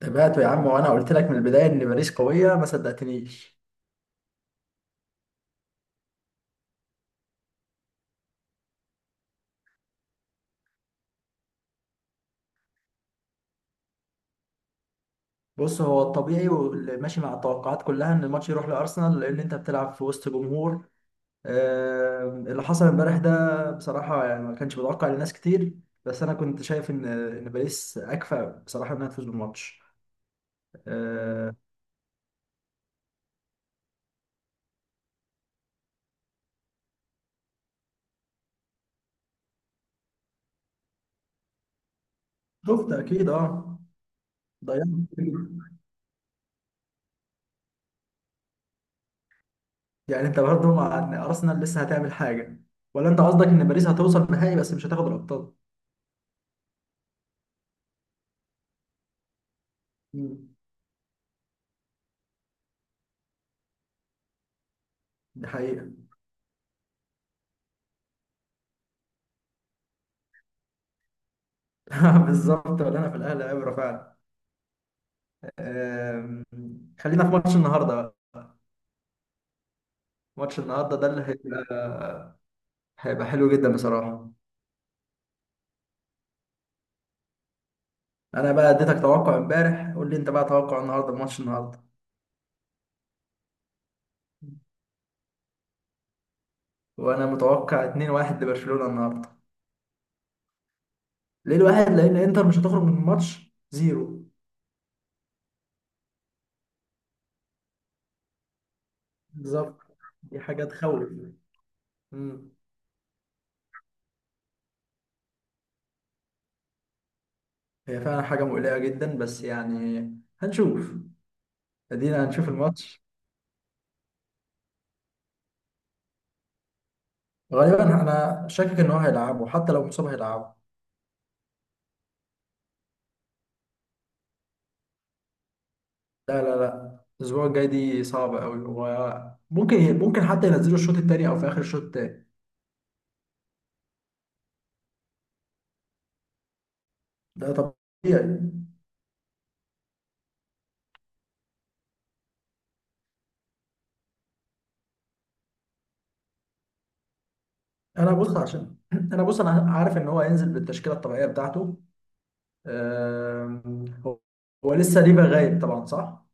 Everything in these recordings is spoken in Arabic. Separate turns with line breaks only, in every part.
تابعته يا عم وانا قلت لك من البدايه ان باريس قويه ما صدقتنيش. بص، هو الطبيعي واللي ماشي مع التوقعات كلها ان الماتش يروح لارسنال لان انت بتلعب في وسط جمهور. اللي حصل امبارح ده بصراحه يعني ما كانش متوقع لناس كتير. بس انا كنت شايف ان باريس اكفأ بصراحه انها تفوز بالماتش. آه، شفت اكيد اه. ضيعنا كتير. يعني انت برضه مع ان ارسنال لسه هتعمل حاجه، ولا انت قصدك ان باريس هتوصل نهائي بس مش هتاخد الابطال؟ مم. دي حقيقه. بالظبط، ولا انا في الاهلي عبره فعلا. أم، خلينا في ماتش النهارده بقى. ماتش النهارده ده اللي هيبقى هيبقى حلو جدا بصراحه. انا بقى اديتك توقع امبارح، قول لي انت بقى توقع النهارده بماتش النهارده. وانا متوقع 2-1 لبرشلونه النهارده. ليه الواحد؟ لان انتر مش هتخرج من الماتش زيرو. بالظبط. دي حاجه تخوف. مم. هي فعلا حاجه مقلقه جدا بس يعني هنشوف. ادينا هنشوف الماتش. غالبا انا شاكك ان هو هيلعبه، حتى لو مصاب هيلعبه. لا لا لا، الاسبوع الجاي دي صعبه قوي، وممكن ممكن ممكن حتى ينزلوا الشوط التاني او في اخر الشوط التاني. ده طبيعي. انا بص عشان انا بص، انا عارف ان هو هينزل بالتشكيله الطبيعيه بتاعته. أم، هو هو لسه ليفا غايب طبعا، صح؟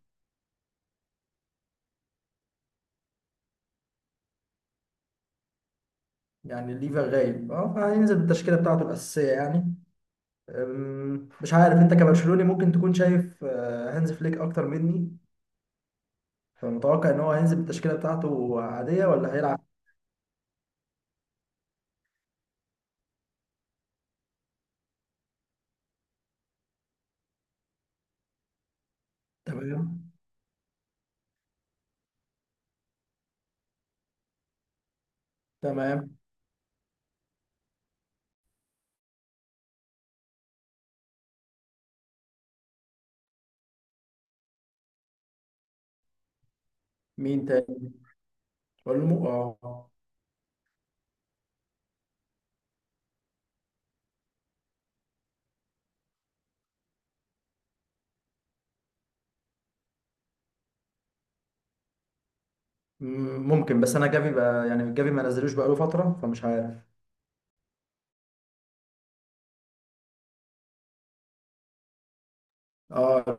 يعني ليفا غايب اه، فهينزل بالتشكيله بتاعته الاساسيه يعني. مش عارف انت كبرشلوني ممكن تكون شايف هانز فليك اكتر مني. فمتوقع ان هو هينزل بالتشكيله بتاعته عاديه ولا هيلعب؟ تمام. تمام. مين تاني؟ بقول له اه. ممكن، بس انا جافي بقى، يعني جافي ما نزلوش بقاله فتره فمش عارف. اه.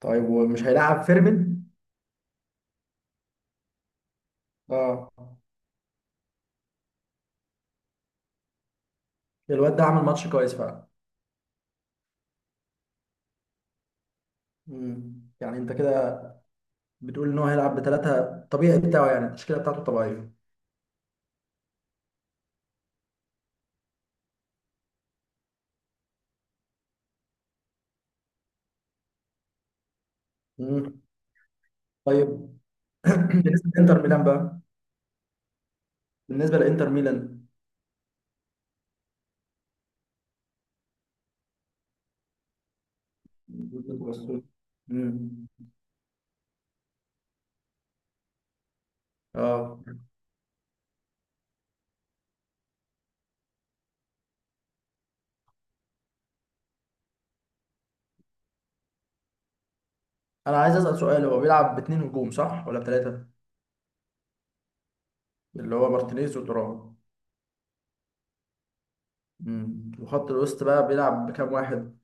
طيب، ومش هيلعب فيرمين؟ اه. الواد ده عمل ماتش كويس فعلا. مم. يعني انت كده بتقول ان هو هيلعب بثلاثه طبيعي بتاعه، يعني التشكيله بتاعته الطبيعيه؟ مم. طيب. بالنسبه لانتر ميلان بقى. بالنسبه لانتر ميلان. مم. اه. انا عايز اسال سؤال، هو بيلعب باتنين هجوم صح ولا بثلاثه؟ اللي هو مارتينيز وترام. مم. وخط الوسط بقى بيلعب بكام واحد؟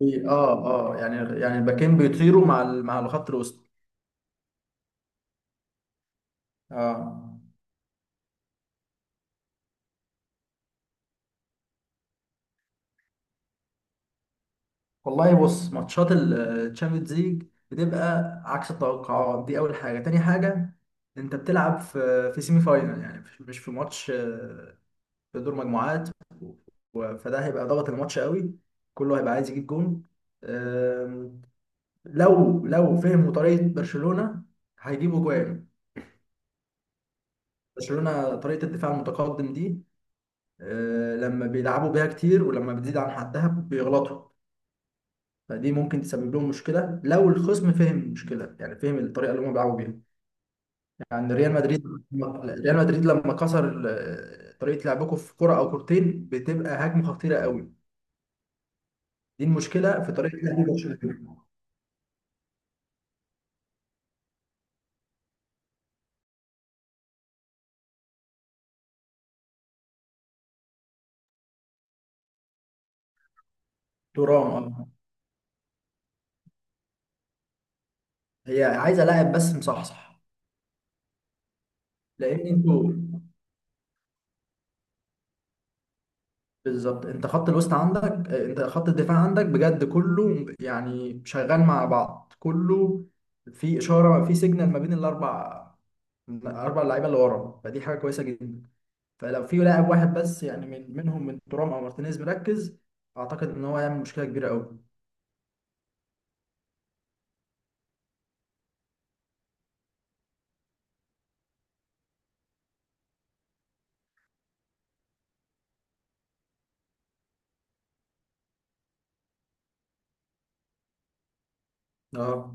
اه. اه، يعني الباكين بيطيروا مع مع الخط الوسط. اه. والله، بص، ماتشات الشامبيونز ليج بتبقى عكس التوقعات. دي اول حاجه. تاني حاجه، انت بتلعب في سيمي فاينال، يعني مش في ماتش، في دور مجموعات. فده هيبقى ضغط الماتش قوي. كله هيبقى عايز يجيب جون. آم، لو فهموا طريقه برشلونه هيجيبوا جوان. برشلونه طريقه الدفاع المتقدم دي، لما بيلعبوا بيها كتير ولما بتزيد عن حدها بيغلطوا. فدي ممكن تسبب لهم مشكله لو الخصم فهم المشكله، يعني فهم الطريقه اللي هم بيلعبوا بيها. يعني ريال مدريد، ريال مدريد لما كسر طريقه لعبكم في كره او كورتين بتبقى هجمه خطيره قوي. دي المشكله في طريقه لعب برشلونه. ترام، اه. هي عايزه لاعب بس مصحصح. لان انتوا. بالظبط، انت خط الوسط عندك، انت خط الدفاع عندك بجد كله يعني شغال مع بعض كله. في اشاره، في سيجنال، ما بين اربع لعيبه اللي ورا، فدي حاجه كويسه جدا. فلو في لاعب واحد بس، يعني من منهم، من ترام او مارتينيز، مركز، اعتقد ان هو هيعمل مشكله كبيره قوي. اه.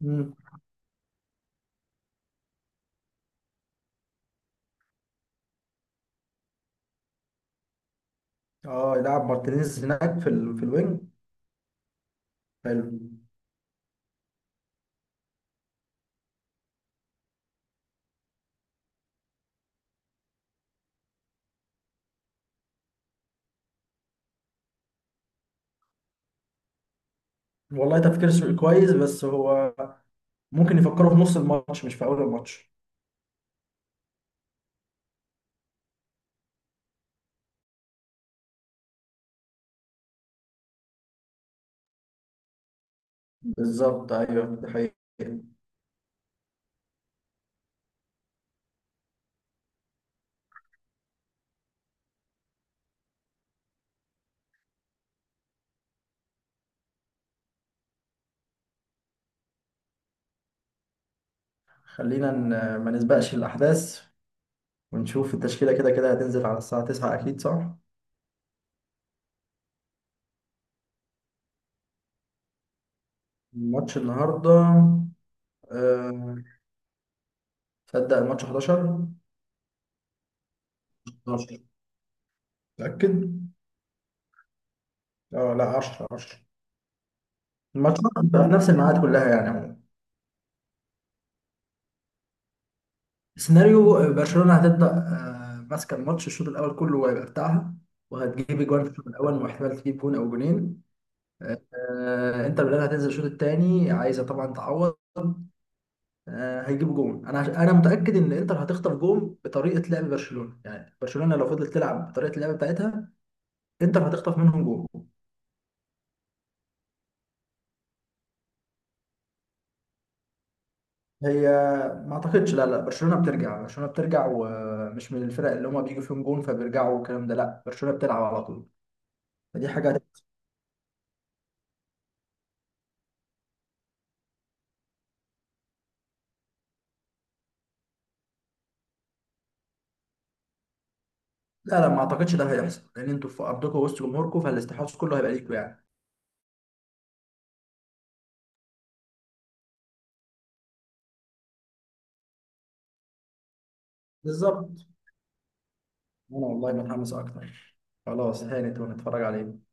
مم. اه، يلعب مارتينيز هناك في الوينج. حلو. والله، تفكير كويس، بس هو ممكن يفكروا في نص الماتش مش في اول الماتش. بالظبط، ايوه، دي حقيقة. خلينا ما نسبقش الأحداث ونشوف التشكيلة، كده كده هتنزل على الساعة 9، أكيد صح؟ الماتش النهاردة، أه... تصدق الماتش 11؟ 12، متأكد؟ اه، لا، 10، 10. الماتش هتبقى في نفس الميعاد كلها يعني عموما. سيناريو، برشلونة هتبدأ ماسكة الماتش، الشوط الأول كله وهيبقى بتاعها، وهتجيب جوان في الشوط الأول واحتمال تجيب جون أو جونين. إنتر ميلان هتنزل الشوط التاني عايزة طبعا تعوض. هيجيبوا جون. انا انا متاكد ان انتر هتخطف جون بطريقه لعب برشلونه، يعني برشلونه لو فضلت تلعب بطريقه اللعب بتاعتها انتر هتخطف منهم جون. هي، ما اعتقدش. لا لا، برشلونه بترجع، برشلونه بترجع، ومش من الفرق اللي هما بيجوا فيهم جون فبيرجعوا والكلام ده. لا برشلونه بتلعب على طول. فدي حاجه لا لا، ما اعتقدش ده هيحصل لان انتوا في ارضكم وسط جمهوركم، فالاستحواذ كله هيبقى ليكوا يعني. بالظبط. انا والله متحمس اكتر. خلاص هانت ونتفرج عليه.